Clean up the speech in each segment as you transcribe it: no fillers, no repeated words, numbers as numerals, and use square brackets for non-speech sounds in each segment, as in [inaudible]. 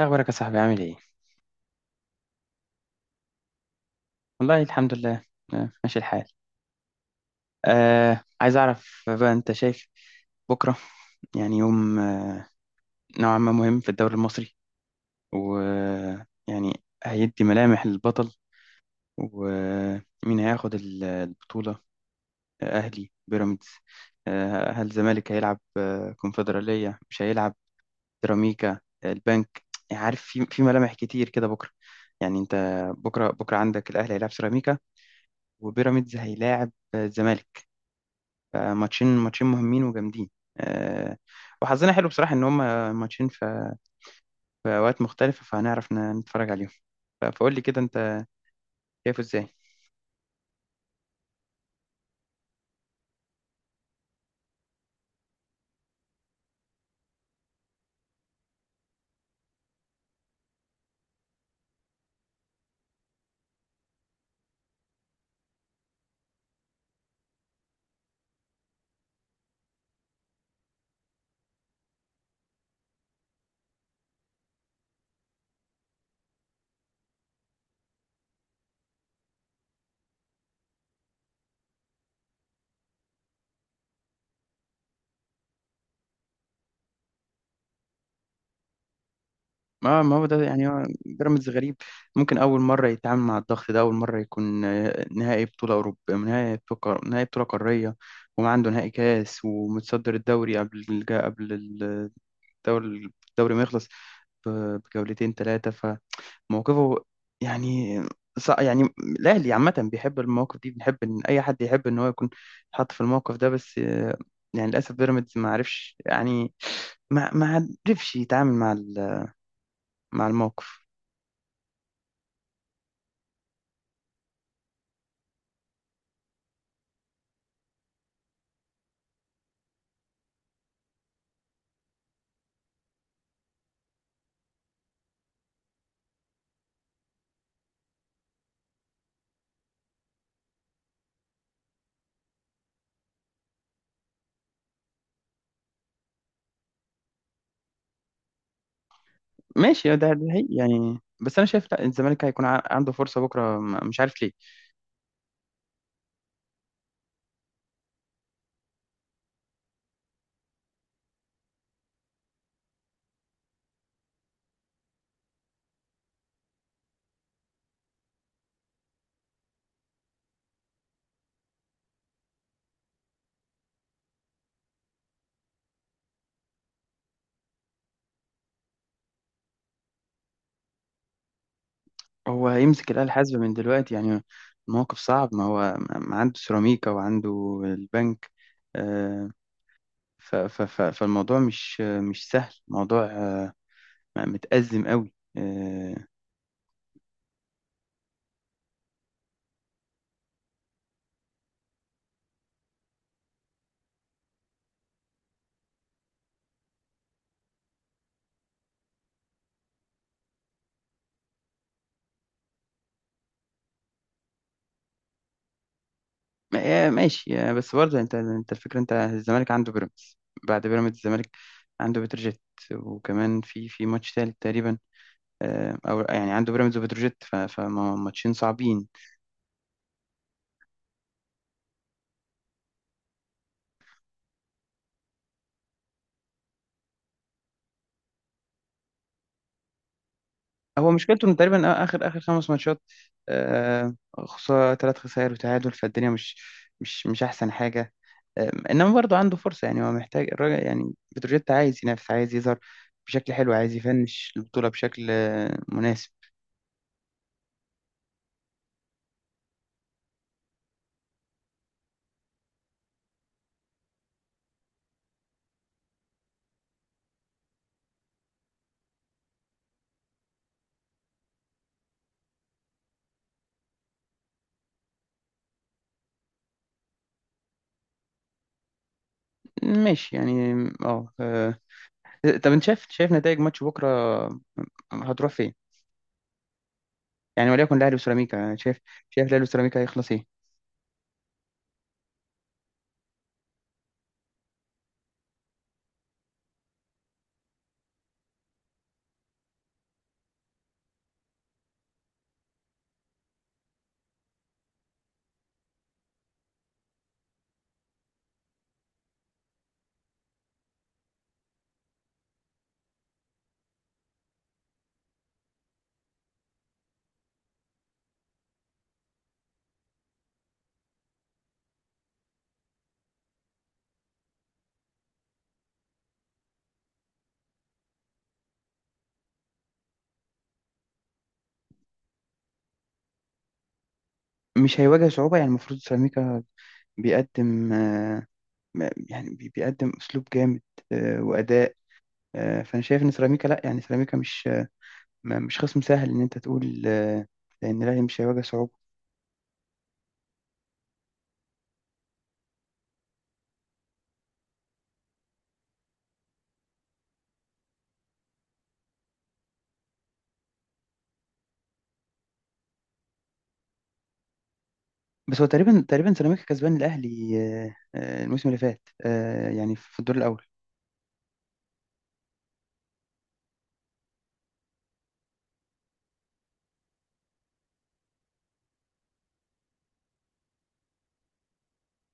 إيه أخبارك يا صاحبي عامل إيه؟ والله الحمد لله. ماشي الحال. عايز أعرف بقى، أنت شايف بكرة يعني يوم نوعا ما مهم في الدوري المصري، ويعني هيدي ملامح للبطل ومين هياخد البطولة. أهلي بيراميدز. هل الزمالك هيلعب كونفدرالية؟ مش هيلعب سيراميكا، البنك. يعني عارف، في ملامح كتير كده بكرة. يعني أنت، بكرة بكرة عندك الأهلي هيلعب سيراميكا، وبيراميدز هيلاعب الزمالك. فماتشين ماتشين مهمين وجامدين. آه. وحظنا حلو بصراحة إن هما ماتشين في أوقات مختلفة، فهنعرف نتفرج عليهم. فقول لي كده أنت شايفه إزاي؟ ما هو ده، يعني هو بيراميدز غريب. ممكن أول مرة يتعامل مع الضغط ده، أول مرة يكون نهائي بطولة أوروبية، نهائي بطولة نهائي بطولة قارية، وما عنده نهائي كاس، ومتصدر الدوري قبل قبل الدوري ما يخلص بجولتين 3. فموقفه يعني يعني الأهلي عامة بيحب المواقف دي، بنحب إن أي حد يحب إن هو يكون حاط في الموقف ده. بس يعني للأسف بيراميدز ما عرفش، يعني ما عرفش يتعامل مع مع الموقف. ماشي، ده هي يعني. بس أنا شايف لا، الزمالك هيكون عنده فرصة بكرة، مش عارف ليه. هو هيمسك الآلة الحاسبة من دلوقتي يعني؟ الموقف صعب، ما هو ما عنده سيراميكا وعنده البنك. آه، ف ف ف فالموضوع مش سهل، موضوع متأزم قوي. ماشي. بس برضه انت الفكرة، انت الزمالك عنده بيراميدز، بعد بيراميدز الزمالك عنده بتروجيت، وكمان في ماتش تالت تقريبا. او يعني عنده بيراميدز وبتروجيت، فماتشين صعبين. هو مشكلته ان تقريبا اخر اخر 5 ماتشات خسارة، 3 خسائر وتعادل، فالدنيا مش احسن حاجة. انما برضه عنده فرصه. يعني هو محتاج، الراجل، يعني بتروجيت عايز ينافس، عايز يظهر بشكل حلو، عايز يفنش البطوله بشكل مناسب. ماشي يعني. اه آه. طب انت شايف، نتائج ماتش بكره هتروح فين؟ يعني وليكن الاهلي وسيراميكا، شايف الاهلي وسيراميكا هيخلص ايه؟ مش هيواجه صعوبه؟ يعني المفروض سيراميكا بيقدم يعني بيقدم اسلوب جامد واداء. فانا شايف ان سيراميكا لا، يعني سيراميكا مش مش خصم سهل ان انت تقول ان الاهلي مش هيواجه صعوبه. بس هو تقريبا تقريبا سيراميكا كسبان الاهلي الموسم اللي فات، يعني في الدور الاول.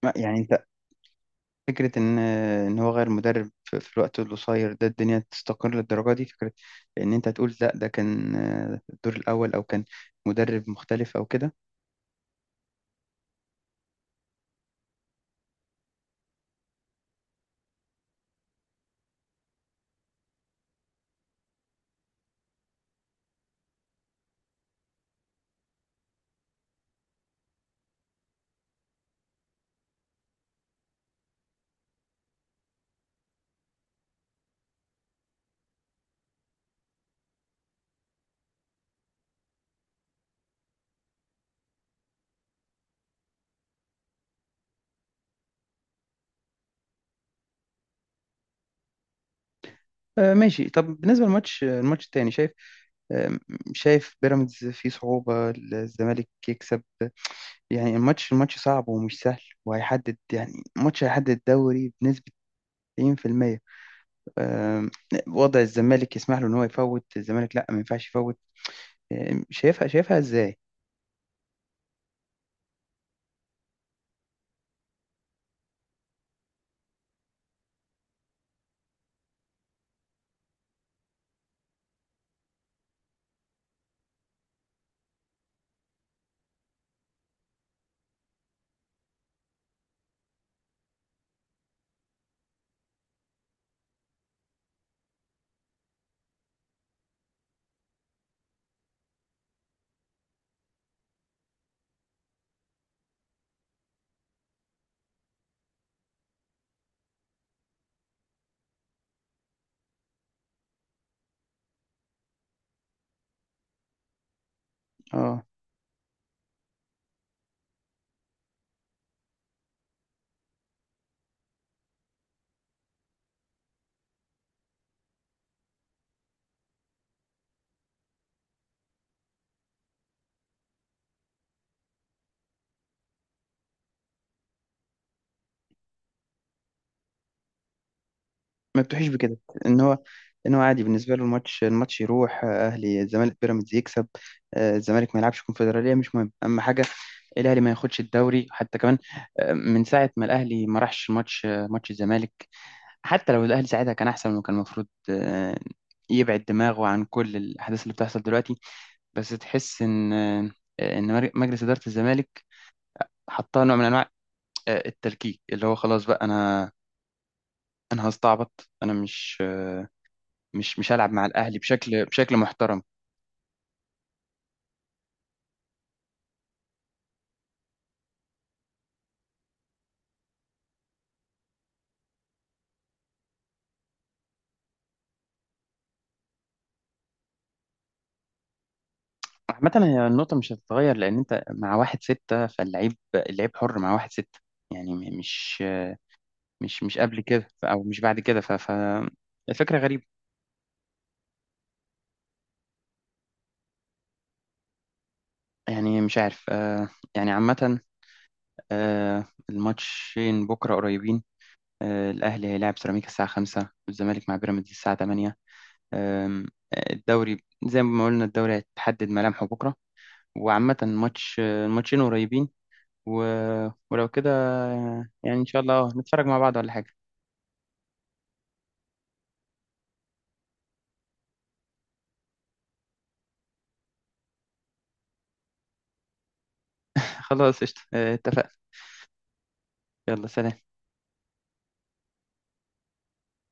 يعني انت فكره ان ان هو غير مدرب في الوقت القصير ده الدنيا تستقر للدرجه دي؟ فكره ان انت تقول لا، ده كان الدور الاول، او كان مدرب مختلف او كده. ماشي. طب بالنسبه للماتش الماتش التاني، شايف آه، شايف بيراميدز فيه صعوبه الزمالك يكسب؟ يعني الماتش صعب ومش سهل، وهيحدد، يعني الماتش هيحدد الدوري بنسبه 90%. آم، وضع الزمالك يسمح له ان هو يفوت؟ الزمالك لا، ما ينفعش يفوت. شايفها ازاي؟ اه، ما بتوحيش بكده ان هو، عادي بالنسبه له الماتش يروح. اهلي الزمالك بيراميدز يكسب، الزمالك ما يلعبش كونفدراليه، مش مهم. اهم حاجه الاهلي ما ياخدش الدوري حتى كمان. من ساعه ما الاهلي ما راحش ماتش ماتش الزمالك، حتى لو الاهلي ساعتها كان احسن وكان المفروض يبعد دماغه عن كل الاحداث اللي بتحصل دلوقتي. بس تحس ان ان مجلس اداره الزمالك حطها نوع من انواع التلكيك، اللي هو خلاص بقى، انا هستعبط، انا مش هلعب مع الاهلي بشكل محترم. عامة هي النقطة مش هتتغير، لأن أنت مع 1-6، فاللعيب اللعيب حر مع 1-6. يعني مش قبل كده، أو مش بعد كده، الفكرة غريبة. يعني مش عارف يعني عامة الماتشين بكرة قريبين. الأهلي هيلاعب سيراميكا الساعة 5، والزمالك مع بيراميدز الساعة 8. أم، الدوري، زي ما قلنا الدوري هتحدد ملامحه بكرة، وعامة الماتش الماتشين قريبين. و... ولو كده، يعني إن شاء الله نتفرج مع بعض ولا حاجة. [laughs] خلاص قشطة، اتفقنا. يلا سلام.